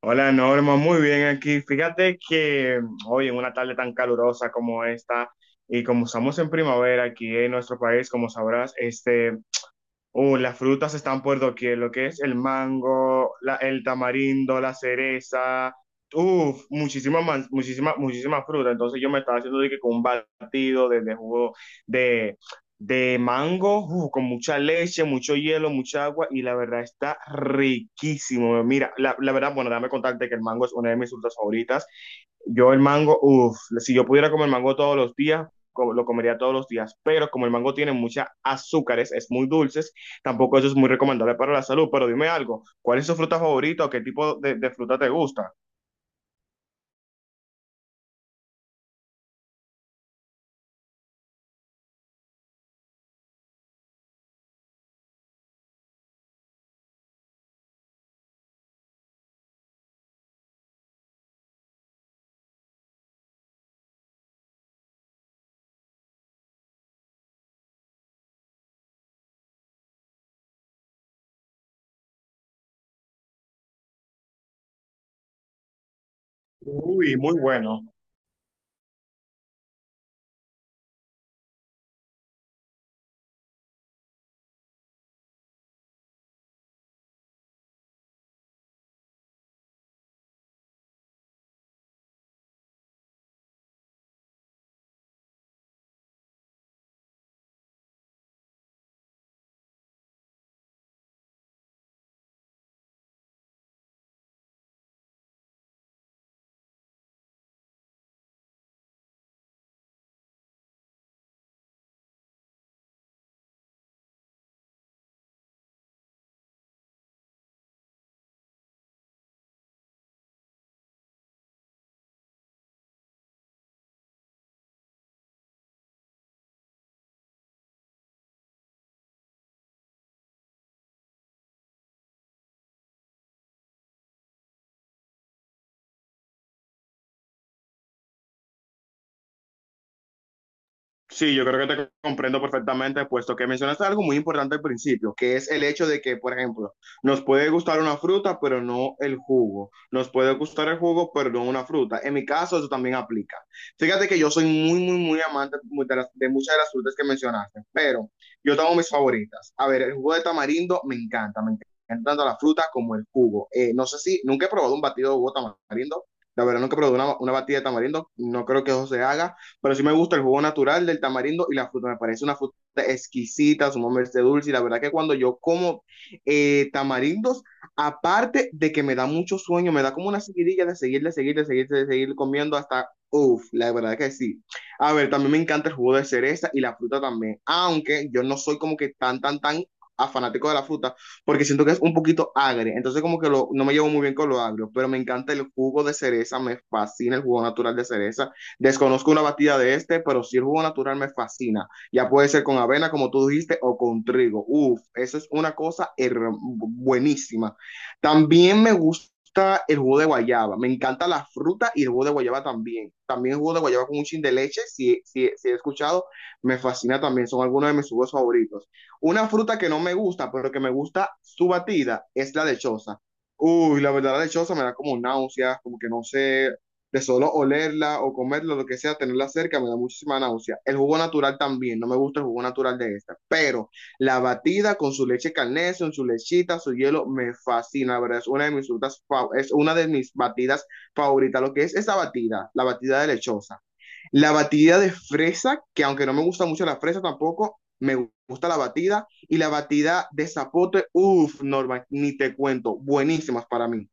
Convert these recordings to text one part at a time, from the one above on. Hola Norma, muy bien aquí. Fíjate que hoy en una tarde tan calurosa como esta y como estamos en primavera aquí en nuestro país, como sabrás, las frutas están por doquier, lo que es el mango, el tamarindo, la cereza, uff, muchísima, muchísima, muchísima fruta. Entonces yo me estaba haciendo de que con un batido de jugo de, de mango, uf, con mucha leche, mucho hielo, mucha agua, y la verdad está riquísimo. Mira, la verdad, bueno, dame contarte que el mango es una de mis frutas favoritas. Yo el mango, uff, si yo pudiera comer mango todos los días, lo comería todos los días, pero como el mango tiene muchas azúcares, es muy dulce, tampoco eso es muy recomendable para la salud. Pero dime algo, ¿cuál es tu fruta favorita o qué tipo de fruta te gusta? Uy, muy bueno. Sí, yo creo que te comprendo perfectamente, puesto que mencionaste algo muy importante al principio, que es el hecho de que, por ejemplo, nos puede gustar una fruta, pero no el jugo. Nos puede gustar el jugo, pero no una fruta. En mi caso, eso también aplica. Fíjate que yo soy muy, muy, muy amante de, de muchas de las frutas que mencionaste, pero yo tengo mis favoritas. A ver, el jugo de tamarindo me encanta tanto la fruta como el jugo. No sé si nunca he probado un batido de jugo de tamarindo. La verdad, nunca he probado una batida de tamarindo. No creo que eso se haga. Pero sí me gusta el jugo natural del tamarindo y la fruta. Me parece una fruta exquisita, sumamente dulce. Y la verdad que cuando yo como tamarindos, aparte de que me da mucho sueño, me da como una seguidilla de seguir, de seguir, de seguir, de seguir comiendo hasta, uff, la verdad que sí. A ver, también me encanta el jugo de cereza y la fruta también. Aunque yo no soy como que tan, tan, tan a fanático de la fruta, porque siento que es un poquito agre, entonces como que lo, no me llevo muy bien con lo agrio, pero me encanta el jugo de cereza, me fascina el jugo natural de cereza. Desconozco una batida de este, pero si el jugo natural me fascina. Ya puede ser con avena, como tú dijiste, o con trigo. Uf, eso es una cosa buenísima. También me gusta el jugo de guayaba. Me encanta la fruta y el jugo de guayaba también. También el jugo de guayaba con un chin de leche, si, si, si he escuchado, me fascina también. Son algunos de mis jugos favoritos. Una fruta que no me gusta, pero que me gusta su batida, es la lechosa. Uy, la verdad, la lechosa me da como náuseas, como que no sé, de solo olerla o comerla, lo que sea, tenerla cerca, me da muchísima náusea. El jugo natural también, no me gusta el jugo natural de esta, pero la batida con su leche Carnation, con su lechita, su hielo, me fascina, la verdad, es una de mis frutas, es una de mis batidas favoritas, lo que es esa batida, la batida de lechosa. La batida de fresa, que aunque no me gusta mucho la fresa tampoco, me gusta la batida y la batida de zapote, uff, Norma, ni te cuento, buenísimas para mí.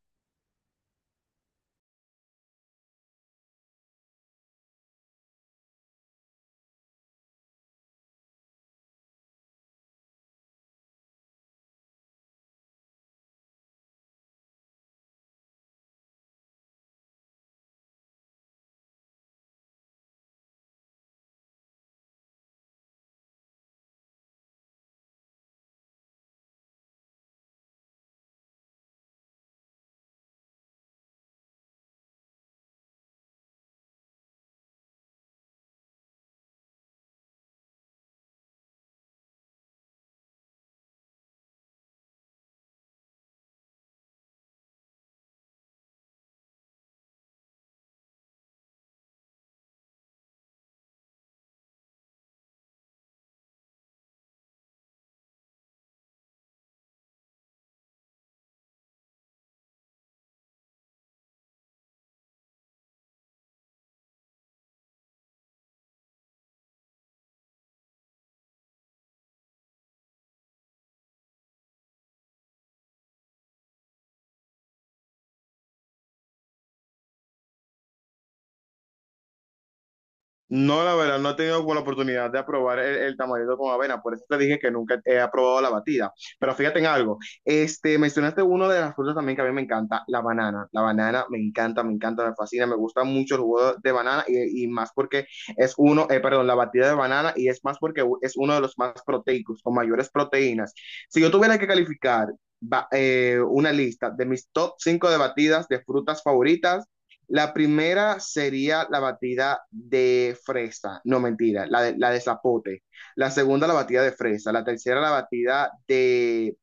No, la verdad, no he tenido como la oportunidad de aprobar el tamalito con avena, por eso te dije que nunca he aprobado la batida. Pero fíjate en algo, este, mencionaste una de las frutas también que a mí me encanta, la banana. La banana me encanta, me encanta, me fascina, me gusta mucho el jugo de banana y más porque es uno, perdón, la batida de banana y es más porque es uno de los más proteicos, con mayores proteínas. Si yo tuviera que calificar una lista de mis top 5 de batidas de frutas favoritas, la primera sería la batida de fresa, no mentira, la de zapote. La segunda, la batida de fresa. La tercera, la batida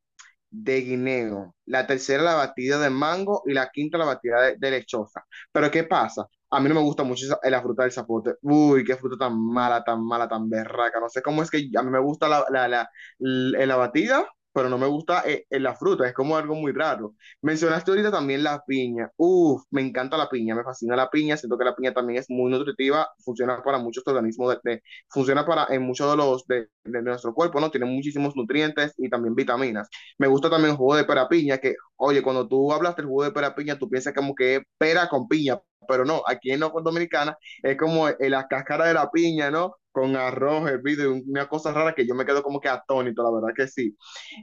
de guineo, la tercera la batida de mango y la quinta la batida de lechosa. Pero ¿qué pasa? A mí no me gusta mucho la fruta del zapote. Uy, qué fruta tan mala, tan mala, tan berraca. No sé cómo es que a mí me gusta la batida, pero no me gusta la fruta. Es como algo muy raro. Mencionaste ahorita también la piña. Uf, me encanta la piña, me fascina la piña. Siento que la piña también es muy nutritiva, funciona para muchos organismos, funciona para en muchos de los de nuestro cuerpo, ¿no? Tiene muchísimos nutrientes y también vitaminas. Me gusta también el jugo de pera piña, que, oye, cuando tú hablas del jugo de pera piña, tú piensas como que es pera con piña, pero no, aquí en la Dominicana es como la cáscara de la piña, ¿no? Con arroz, hervido, y una cosa rara que yo me quedo como que atónito, la verdad que sí.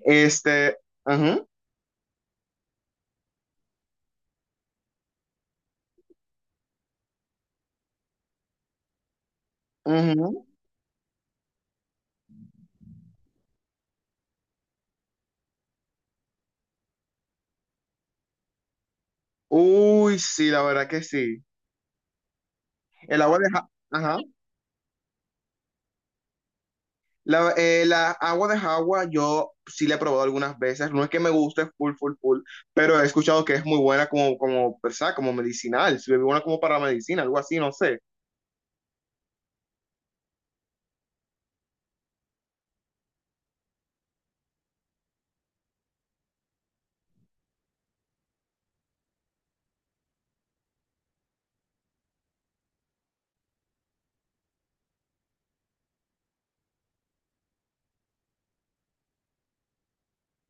Este, ajá, ajá. Uy, sí, la verdad que sí. El agua de ajá. La, la agua de Jagua yo sí la he probado algunas veces, no es que me guste full, full, full, pero he escuchado que es muy buena como, como, ¿verdad? Como medicinal, se bebe una como para la medicina, algo así, no sé,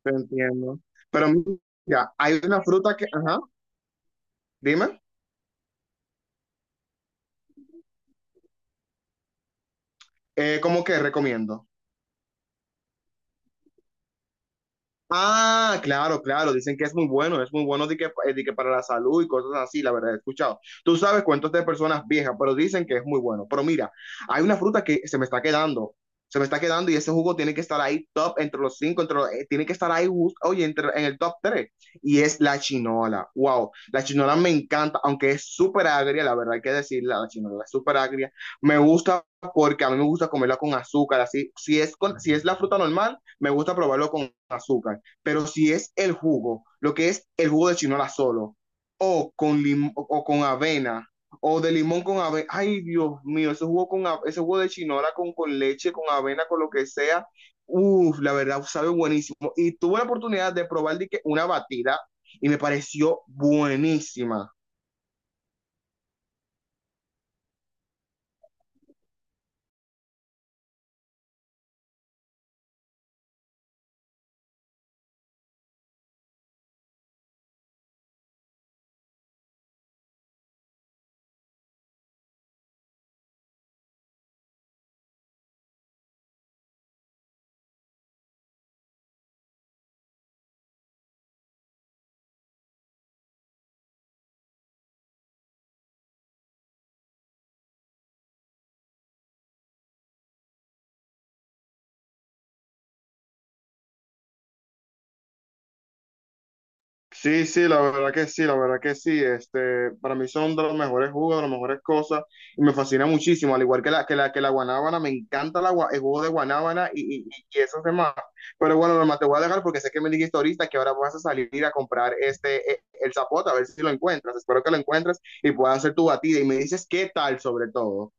te entiendo. Pero mira, hay una fruta que, ajá, dime, ¿cómo que recomiendo? Ah, claro, claro, dicen que es muy bueno de que para la salud y cosas así, la verdad, he escuchado. Tú sabes cuentos de personas viejas, pero dicen que es muy bueno. Pero mira, hay una fruta que se me está quedando, se me está quedando y ese jugo tiene que estar ahí top entre los 5, tiene que estar ahí, oye, entre, en el top 3. Y es la chinola, wow, la chinola me encanta, aunque es súper agria, la verdad hay que decirla, la chinola es súper agria. Me gusta porque a mí me gusta comerla con azúcar, así, si es, con, si es la fruta normal, me gusta probarlo con azúcar, pero si es el jugo, lo que es el jugo de chinola solo, o con, lim o con avena, o de limón con avena, ay Dios mío, ese jugo, con ese jugo de chinola con leche, con avena, con lo que sea, uff, la verdad sabe buenísimo. Y tuve la oportunidad de probar de que una batida y me pareció buenísima. Sí, sí, la verdad que sí, la verdad que sí. Este, para mí son de los mejores jugos, de las mejores cosas, y me fascina muchísimo. Al igual que la, que la, que la guanábana, me encanta la, el jugo de guanábana y esos demás. Pero bueno, Norma, te voy a dejar porque sé que me dijiste ahorita que ahora vas a salir a comprar este, el zapote, a ver si lo encuentras. Espero que lo encuentres y puedas hacer tu batida. Y me dices qué tal sobre todo.